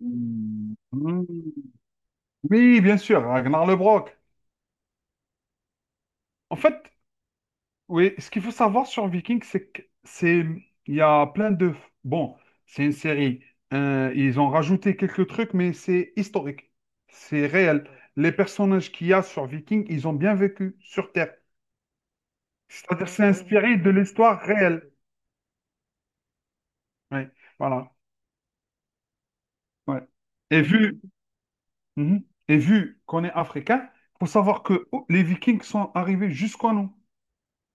Hmm. Oui, bien sûr, Ragnar Lodbrok. En fait, oui, ce qu'il faut savoir sur Vikings, c'est que c'est il y a plein de bon, c'est une série. Ils ont rajouté quelques trucs, mais c'est historique, c'est réel. Les personnages qu'il y a sur Vikings, ils ont bien vécu sur Terre. C'est-à-dire, c'est inspiré de l'histoire réelle. Oui, voilà. Ouais. Et vu, mhm. Et vu qu'on est africain, faut savoir que oh, les Vikings sont arrivés jusqu'en nous.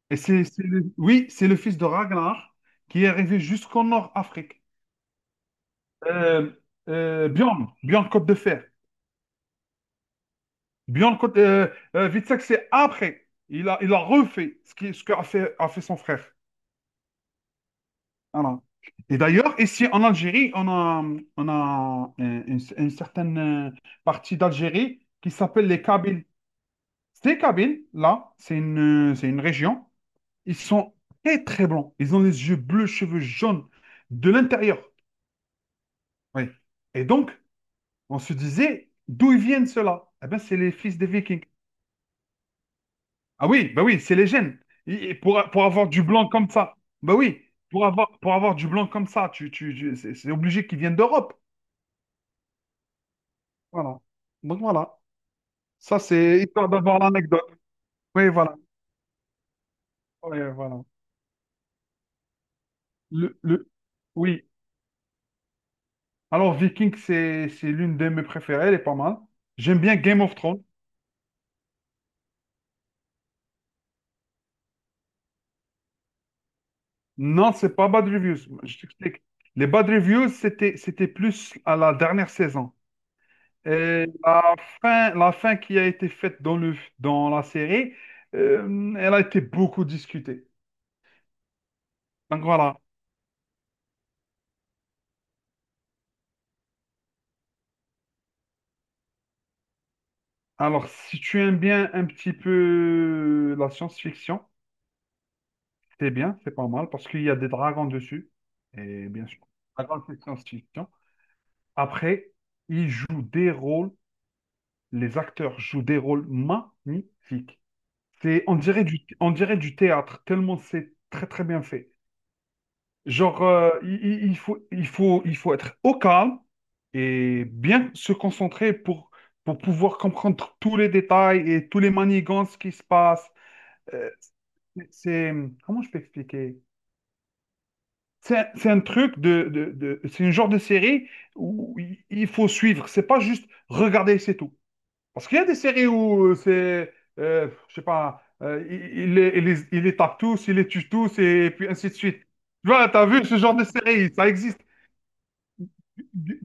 Et c'est le- oui, c'est le fils de Ragnar qui est arrivé jusqu'en Nord-Afrique. Euh, Bjorn, Bjorn Côte de Fer. Bjorn Côte, Witzek, c'est après. Il a refait ce qui, ce qu'a fait, a fait son frère. Voilà. Et d'ailleurs, ici en Algérie, on a une certaine partie d'Algérie qui s'appelle les Kabyles. Ces Kabyles, là, c'est une région. Ils sont très, très blancs. Ils ont les yeux bleus, cheveux jaunes de l'intérieur. Oui. Et donc, on se disait, d'où ils viennent ceux-là? Eh bien, c'est les fils des Vikings. Ah oui, bah oui, c'est les gènes. Et- pour avoir du blanc comme ça, bah oui, pour avoir du blanc comme ça, tu- c'est obligé qu'ils viennent d'Europe. Voilà. Donc voilà. Ça, c'est histoire d'avoir l'anecdote. Oui, voilà. Oui, voilà. Le... Oui. Alors, Viking, c'est l'une de mes préférées, elle est pas mal. J'aime bien Game of Thrones. Non, c'est pas Bad Reviews. Je t'explique. Les Bad Reviews, c'était plus à la dernière saison. Et la fin qui a été faite dans dans la série, elle a été beaucoup discutée. Donc voilà. Alors, si tu aimes bien un petit peu la science-fiction, c'est bien, c'est pas mal, parce qu'il y a des dragons dessus. Et bien sûr, dragons, c'est science-fiction. Après, ils jouent des rôles, les acteurs jouent des rôles magnifiques. C'est, on dirait on dirait du théâtre, tellement c'est très très bien fait. Genre, il- faut, il faut être au calme et bien se concentrer pour pouvoir comprendre tous les détails et tous les manigances qui se passent. Euh, c'est, comment je peux expliquer? C'est un truc de, de c'est une genre de série où il faut suivre. C'est pas juste regarder, c'est tout. Parce qu'il y a des séries où c'est, je sais pas, il les, il les il les tape tous, il les tue tous et puis ainsi de suite. Tu vois, t'as vu ce genre de série, ça existe.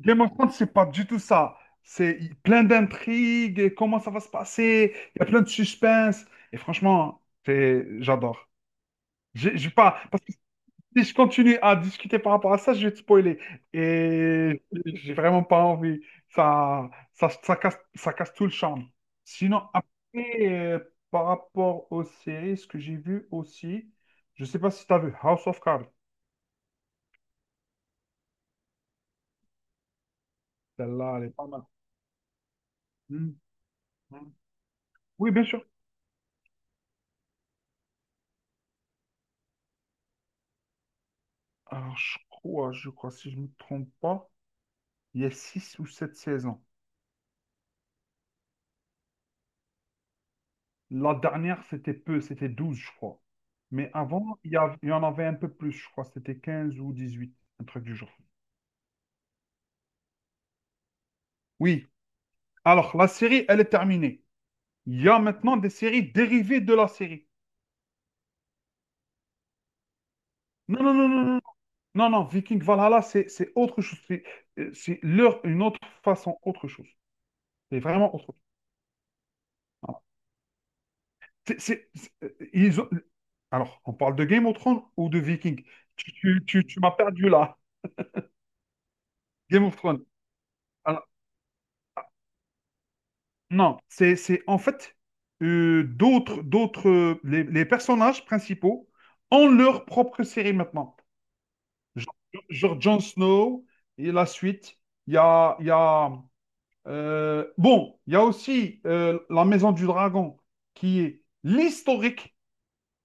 Game of Thrones, c'est pas du tout ça. C'est plein d'intrigues, et comment ça va se passer, il y a plein de suspense. Et franchement, c'est- j'adore. J'ai pas, parce que si je continue à discuter par rapport à ça, je vais te spoiler. Et j'ai vraiment pas envie. Ça casse tout le charme. Sinon, après, par rapport aux séries, ce que j'ai vu aussi, je sais pas si tu as vu House of Cards. Celle-là, elle est pas mal. Hmm. Hmm. Oui, bien sûr. Alors, je crois, si je ne me trompe pas, il y a 6 ou 7 saisons. La dernière, c'était peu, c'était 12 je crois. Mais avant, il y av- il y en avait un peu plus, je crois, c'était 15 ou 18 un truc du genre. Oui. Alors, la série, elle est terminée. Il y a maintenant des séries dérivées de la série. Non, non, non, non, non. Non, Viking Valhalla, c'est autre chose. C'est leur, une autre façon, autre chose. C'est vraiment autre chose. C'est- ils ont- Alors, on parle de Game of Thrones ou de Viking? Tu m'as perdu là. Game of Thrones. Alors, non, c'est en fait d'autres, les personnages principaux ont leur propre série maintenant. Genre, genre Jon Snow et la suite. Il y a bon, il y a aussi la Maison du Dragon qui est l'historique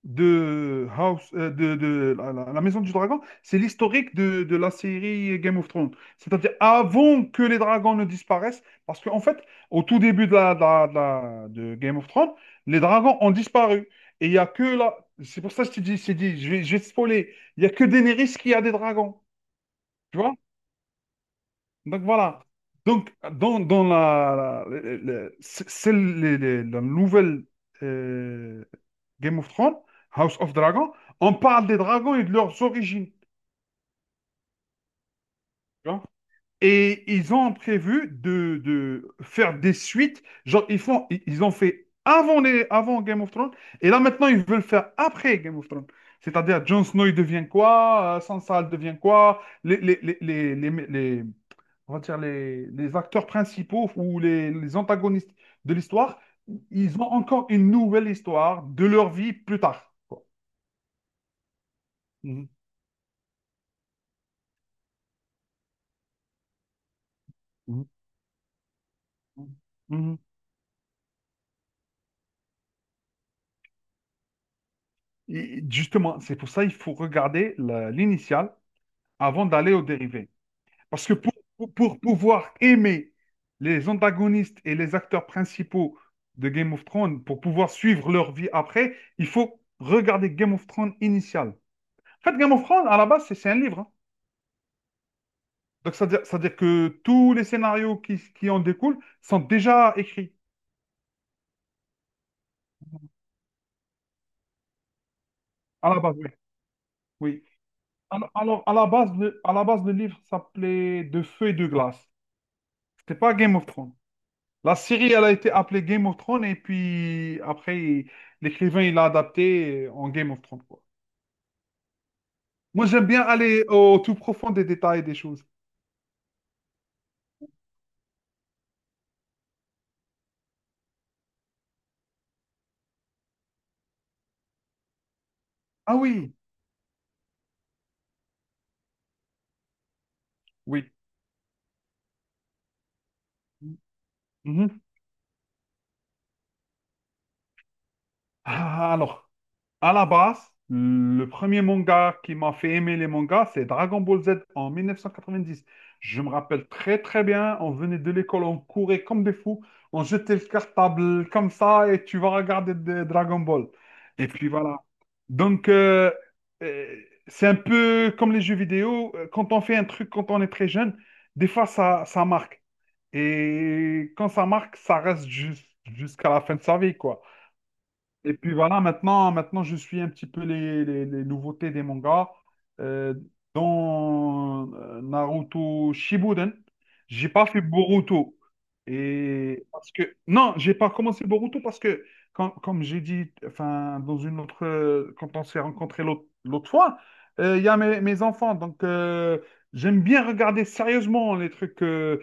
de House, de la la Maison du Dragon, c'est l'historique de la série Game of Thrones. C'est-à-dire avant que les dragons ne disparaissent, parce qu'en fait, au tout début de de Game of Thrones, les dragons ont disparu. Et il n'y a que là, c'est pour ça que je te dis, je t'ai dit, je vais te spoiler, il n'y a que Daenerys qui a des dragons. Tu vois? Donc voilà. Donc dans c'est la nouvelle euh, Game of Thrones, House of Dragon, on parle des dragons et de leurs origines. Tu vois. Et ils ont prévu de faire des suites. Genre, ils font, ils ont fait avant, les, avant Game of Thrones. Et là, maintenant, ils veulent faire après Game of Thrones. C'est-à-dire, Jon Snow, il devient quoi? Sansa, elle devient quoi? On va dire les acteurs principaux ou les antagonistes de l'histoire, ils ont encore une nouvelle histoire de leur vie plus tard. Quoi. Mhm, mhm, mhm. Et justement, c'est pour ça qu'il faut regarder la- l'initiale avant d'aller au dérivé. Parce que pour pour pouvoir aimer les antagonistes et les acteurs principaux de Game of Thrones, pour pouvoir suivre leur vie après, il faut regarder Game of Thrones initial. En fait, Game of Thrones, à la base, c'est un livre. Hein. Donc, c'est-à-dire que tous les scénarios qui en découlent sont déjà écrits à la base, oui. Oui. Alors, à la base, à la base, le livre s'appelait De feu et de glace. C'était pas Game of Thrones. La série, elle a été appelée Game of Thrones et puis après, il- l'écrivain, il l'a adapté en Game of Thrones, quoi. Moi, j'aime bien aller au tout profond des détails des choses. Ah oui, oui. Mhm. Alors, à la base, le premier manga qui m'a fait aimer les mangas, c'est Dragon Ball Z en 1990. Je me rappelle très très bien, on venait de l'école, on courait comme des fous, on jetait le cartable comme ça et tu vas regarder de- Dragon Ball. Et puis voilà. Donc, euh, c'est un peu comme les jeux vidéo, quand on fait un truc quand on est très jeune, des fois ça marque. Et quand ça marque, ça reste jus- jusqu'à la fin de sa vie, quoi. Et puis voilà, maintenant, je suis un petit peu les nouveautés des mangas. Euh, dans Naruto Shippuden, j'ai pas fait Boruto. Et parce que non, j'ai pas commencé Boruto parce que quand- comme j'ai dit, enfin dans une autre, quand on s'est rencontrés l'autre fois, il y a mes, mes enfants, donc j'aime bien regarder sérieusement les trucs.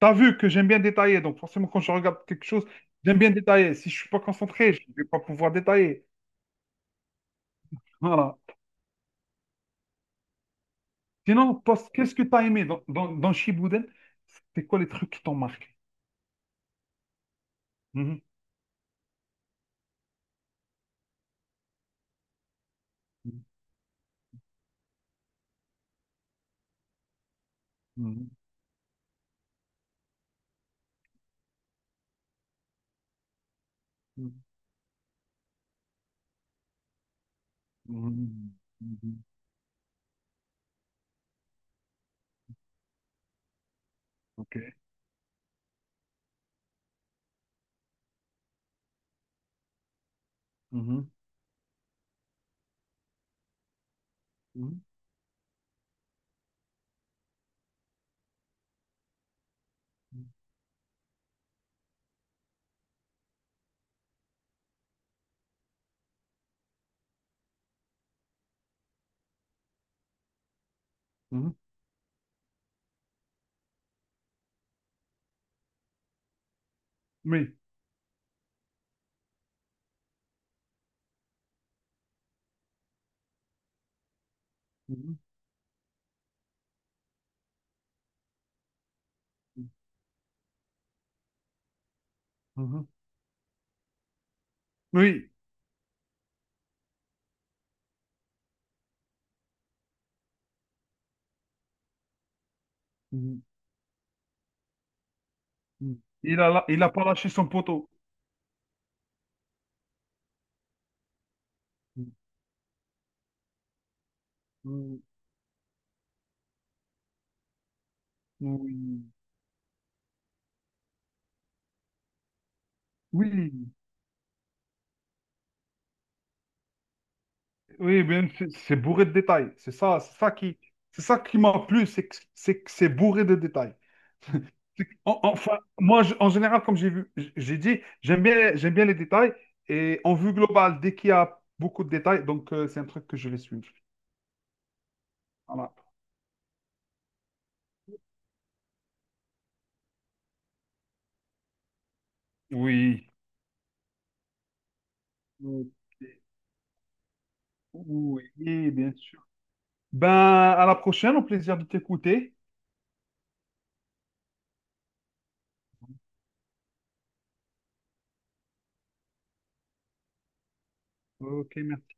T'as vu que j'aime bien détailler, donc forcément quand je regarde quelque chose, j'aime bien détailler. Si je suis pas concentré, je vais pas pouvoir détailler. Voilà. Sinon, Post, qu'est-ce que t'as aimé dans, dans Shippuden? C'est quoi les trucs qui t'ont marqué? Mhm. Mhm. Mhm. Mhm. Mhm. Ok. Mhm. Mhm. Mhm. Oui. Mhm. Mhm. Oui. Mhm. Mhm. Il a pas lâché son poteau. Mhm. Oui. Oui. Oui, bien, c'est bourré de détails. C'est ça qui m'a plu, c'est que c'est bourré de détails. C'est que- en- Enfin, moi, je- en général, comme j'ai vu, j- j'ai dit, j'aime bien les détails et en vue globale, dès qu'il y a beaucoup de détails, donc c'est un truc que je vais suivre. Voilà. Oui. Ok. Oui, bien sûr. Ben, à la prochaine, au plaisir de t'écouter. Ok, merci.